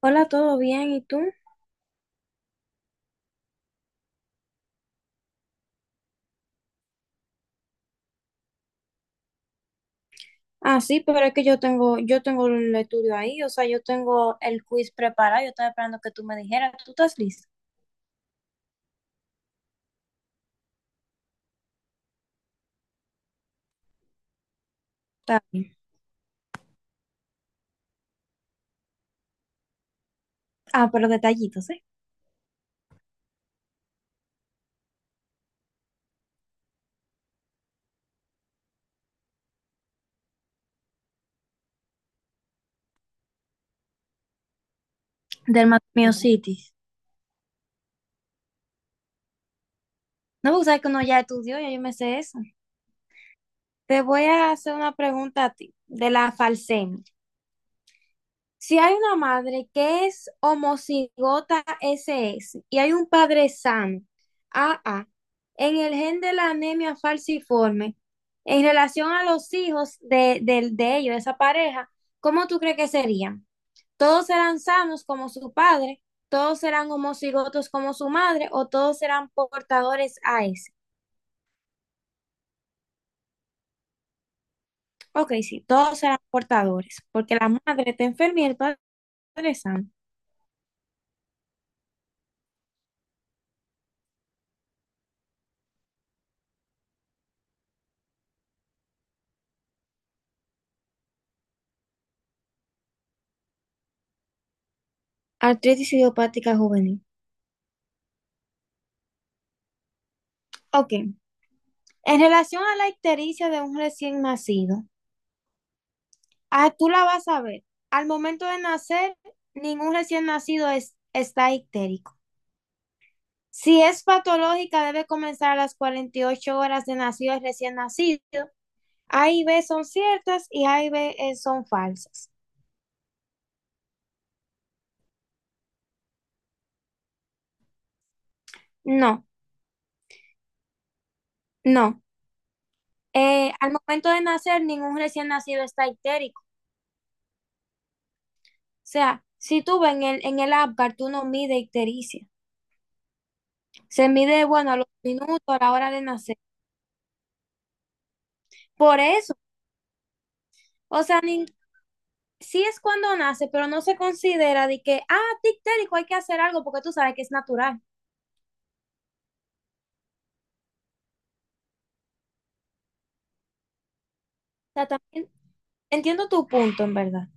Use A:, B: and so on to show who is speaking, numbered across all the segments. A: Hola, ¿todo bien? ¿Y tú? Ah, sí, pero es que yo tengo el estudio ahí, o sea, yo tengo el quiz preparado, yo estaba esperando que tú me dijeras, ¿tú estás lista? Está bien. Ah, pero detallitos, ¿eh? Del Dermatomiositis. No, porque sabes que uno ya estudió, ya yo me sé eso. Te voy a hacer una pregunta a ti, de la falsemia. Si hay una madre que es homocigota SS y hay un padre sano, AA, en el gen de la anemia falciforme, en relación a los hijos de ellos, de esa pareja, ¿cómo tú crees que serían? ¿Todos serán sanos como su padre? ¿Todos serán homocigotos como su madre? ¿O todos serán portadores AS? Ok, sí, todos serán portadores, porque la madre está enferma y el padre es sano. Artritis idiopática juvenil. Ok. En relación a la ictericia de un recién nacido, ah, tú la vas a ver. Al momento de nacer, ningún recién nacido está ictérico. Si es patológica, debe comenzar a las 48 horas de nacido el recién nacido. A y B son ciertas y A y B son falsas. No, no. Al momento de nacer, ningún recién nacido está ictérico. O sea, si tú ves en el Apgar, tú no mide ictericia. Se mide, bueno, a los minutos, a la hora de nacer. Por eso o sea, ni, sí es cuando nace, pero no se considera de que, ah, tictérico, hay que hacer algo porque tú sabes que es natural. O sea, también entiendo tu punto, en verdad.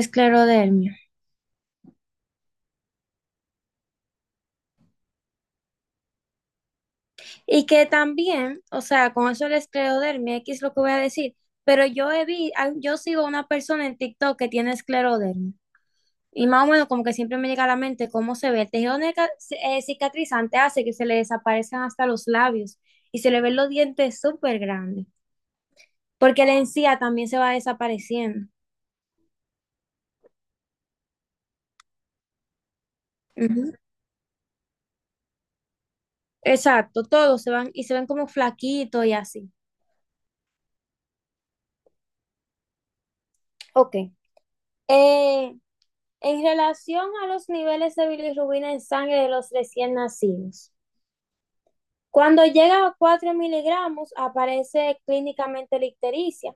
A: Esclerodermia. Y que también, o sea, con eso de la esclerodermia, aquí es lo que voy a decir, pero yo he vi, al- yo sigo a una persona en TikTok que tiene esclerodermia. Y más o menos como que siempre me llega a la mente cómo se ve. El tejido cicatrizante hace que se le desaparezcan hasta los labios y se le ven los dientes súper grandes, porque la encía también se va desapareciendo. Ujú. Exacto, todos se van y se ven como flaquitos y así. Ok. Eh, en relación a los niveles de bilirrubina en sangre de los recién nacidos, cuando llega a 4 miligramos aparece clínicamente ictericia.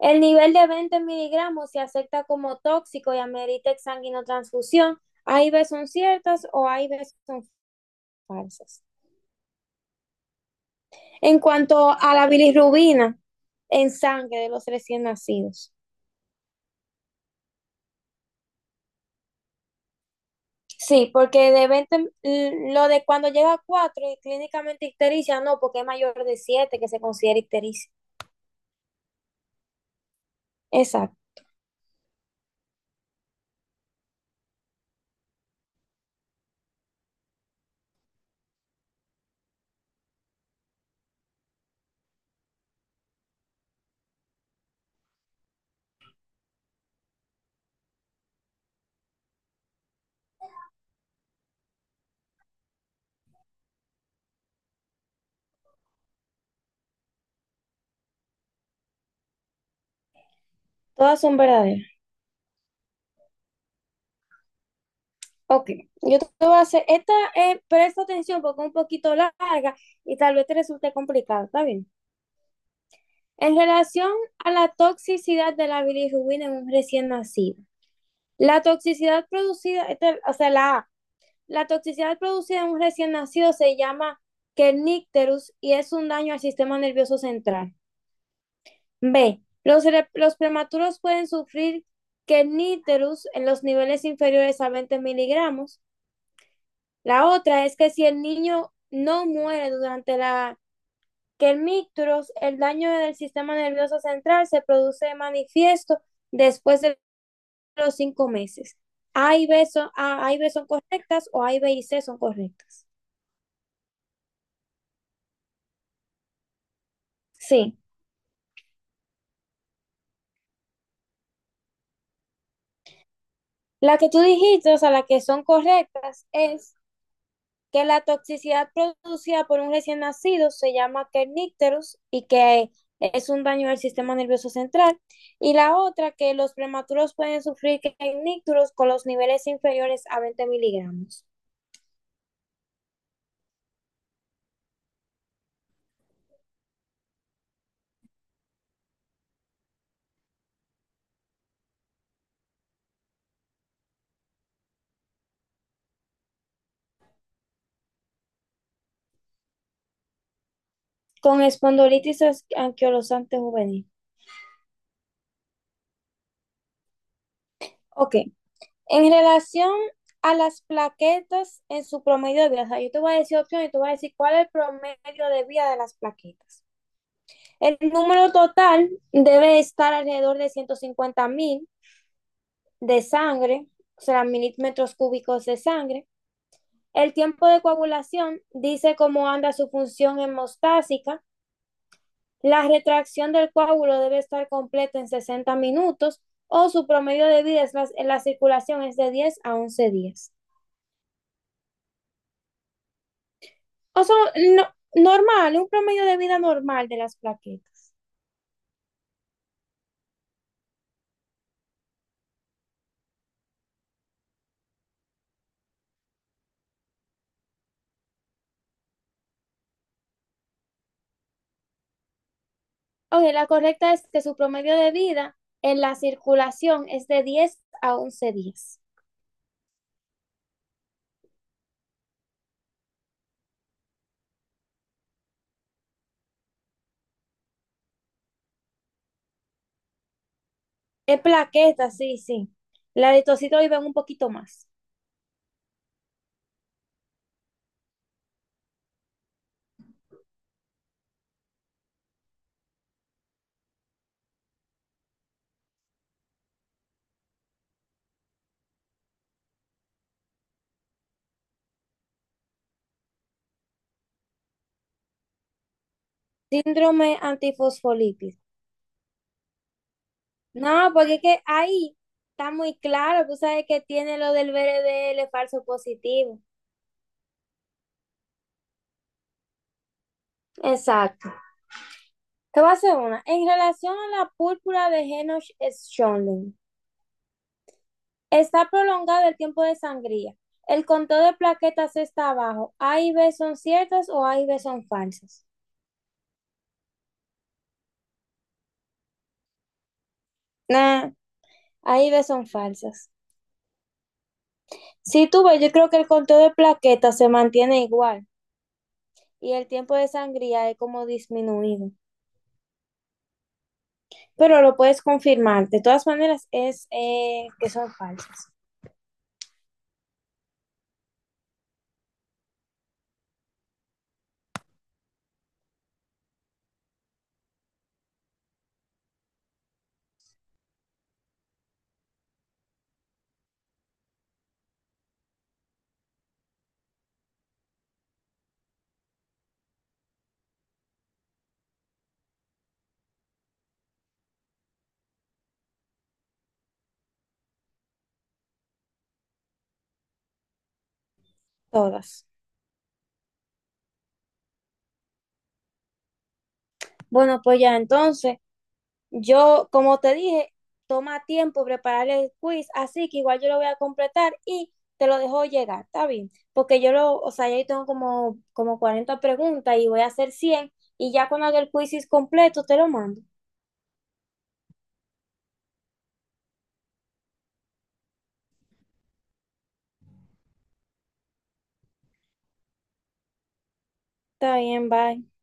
A: El nivel de 20 miligramos se acepta como tóxico y amerita exsanguinotransfusión. Hay veces son ciertas o hay veces son falsas. En cuanto a la bilirrubina en sangre de los recién nacidos. Sí, porque de 20, mm, lo de cuando llega a 4 y clínicamente ictericia, no, porque es mayor de 7 que se considera ictericia. Exacto, todas son verdaderas. Ok, yo te voy a hacer, esta, presta atención porque es un poquito larga y tal vez te resulte complicado, ¿está bien? En relación a la toxicidad de la bilirrubina en un recién nacido, la toxicidad producida, o sea, la A, la toxicidad producida en un recién nacido se llama kernicterus y es un daño al sistema nervioso central. B. Los prematuros pueden sufrir kerníterus en los niveles inferiores a 20 miligramos. La otra es que si el niño no muere durante la kernicterus, el daño del sistema nervioso central se produce manifiesto después de los 5 meses. A y B son correctas o A y B y C son correctas. Sí. La que tú dijiste, o sea, la que son correctas es que la toxicidad producida por un recién nacido se llama kernicterus y que es un daño del sistema nervioso central, y la otra que los prematuros pueden sufrir kernicterus con los niveles inferiores a 20 miligramos, con espondilitis anquilosante juvenil. Ok, en relación a las plaquetas en su promedio de vida, o sea, yo te voy a decir opciones y tú vas a decir cuál es el promedio de vida de las plaquetas. El número total debe estar alrededor de 150.000 de sangre, o sea, milímetros cúbicos de sangre. El tiempo de coagulación dice cómo anda su función hemostásica. La retracción del coágulo debe estar completa en 60 minutos o su promedio de vida es la, en la circulación es de 10 a 11 días. O sea, no, normal, un promedio de vida normal de las plaquetas. Ok, la correcta es que su promedio de vida en la circulación es de 10 a once días. Es plaqueta, sí, sí. La eritrocito viven un poquito más. Síndrome antifosfolípido. No, porque es que ahí está muy claro. Tú sabes que tiene lo del BRDL falso positivo. Exacto. Te voy a hacer una. En relación a la púrpura de Henoch-Schönlein, está prolongado el tiempo de sangría. El conteo de plaquetas está abajo. ¿A y B son ciertas o A y B son falsas? Nah, A y B son falsas. Si tú ves, yo creo que el conteo de plaquetas se mantiene igual y el tiempo de sangría es como disminuido, pero lo puedes confirmar. De todas maneras, es que son falsas, todas. Bueno, pues ya entonces, yo, como te dije, toma tiempo preparar el quiz, así que igual yo lo voy a completar y te lo dejo llegar, está bien, porque yo lo, o sea, yo tengo como 40 preguntas y voy a hacer 100 y ya cuando haga el quiz completo te lo mando. Está bien, bye.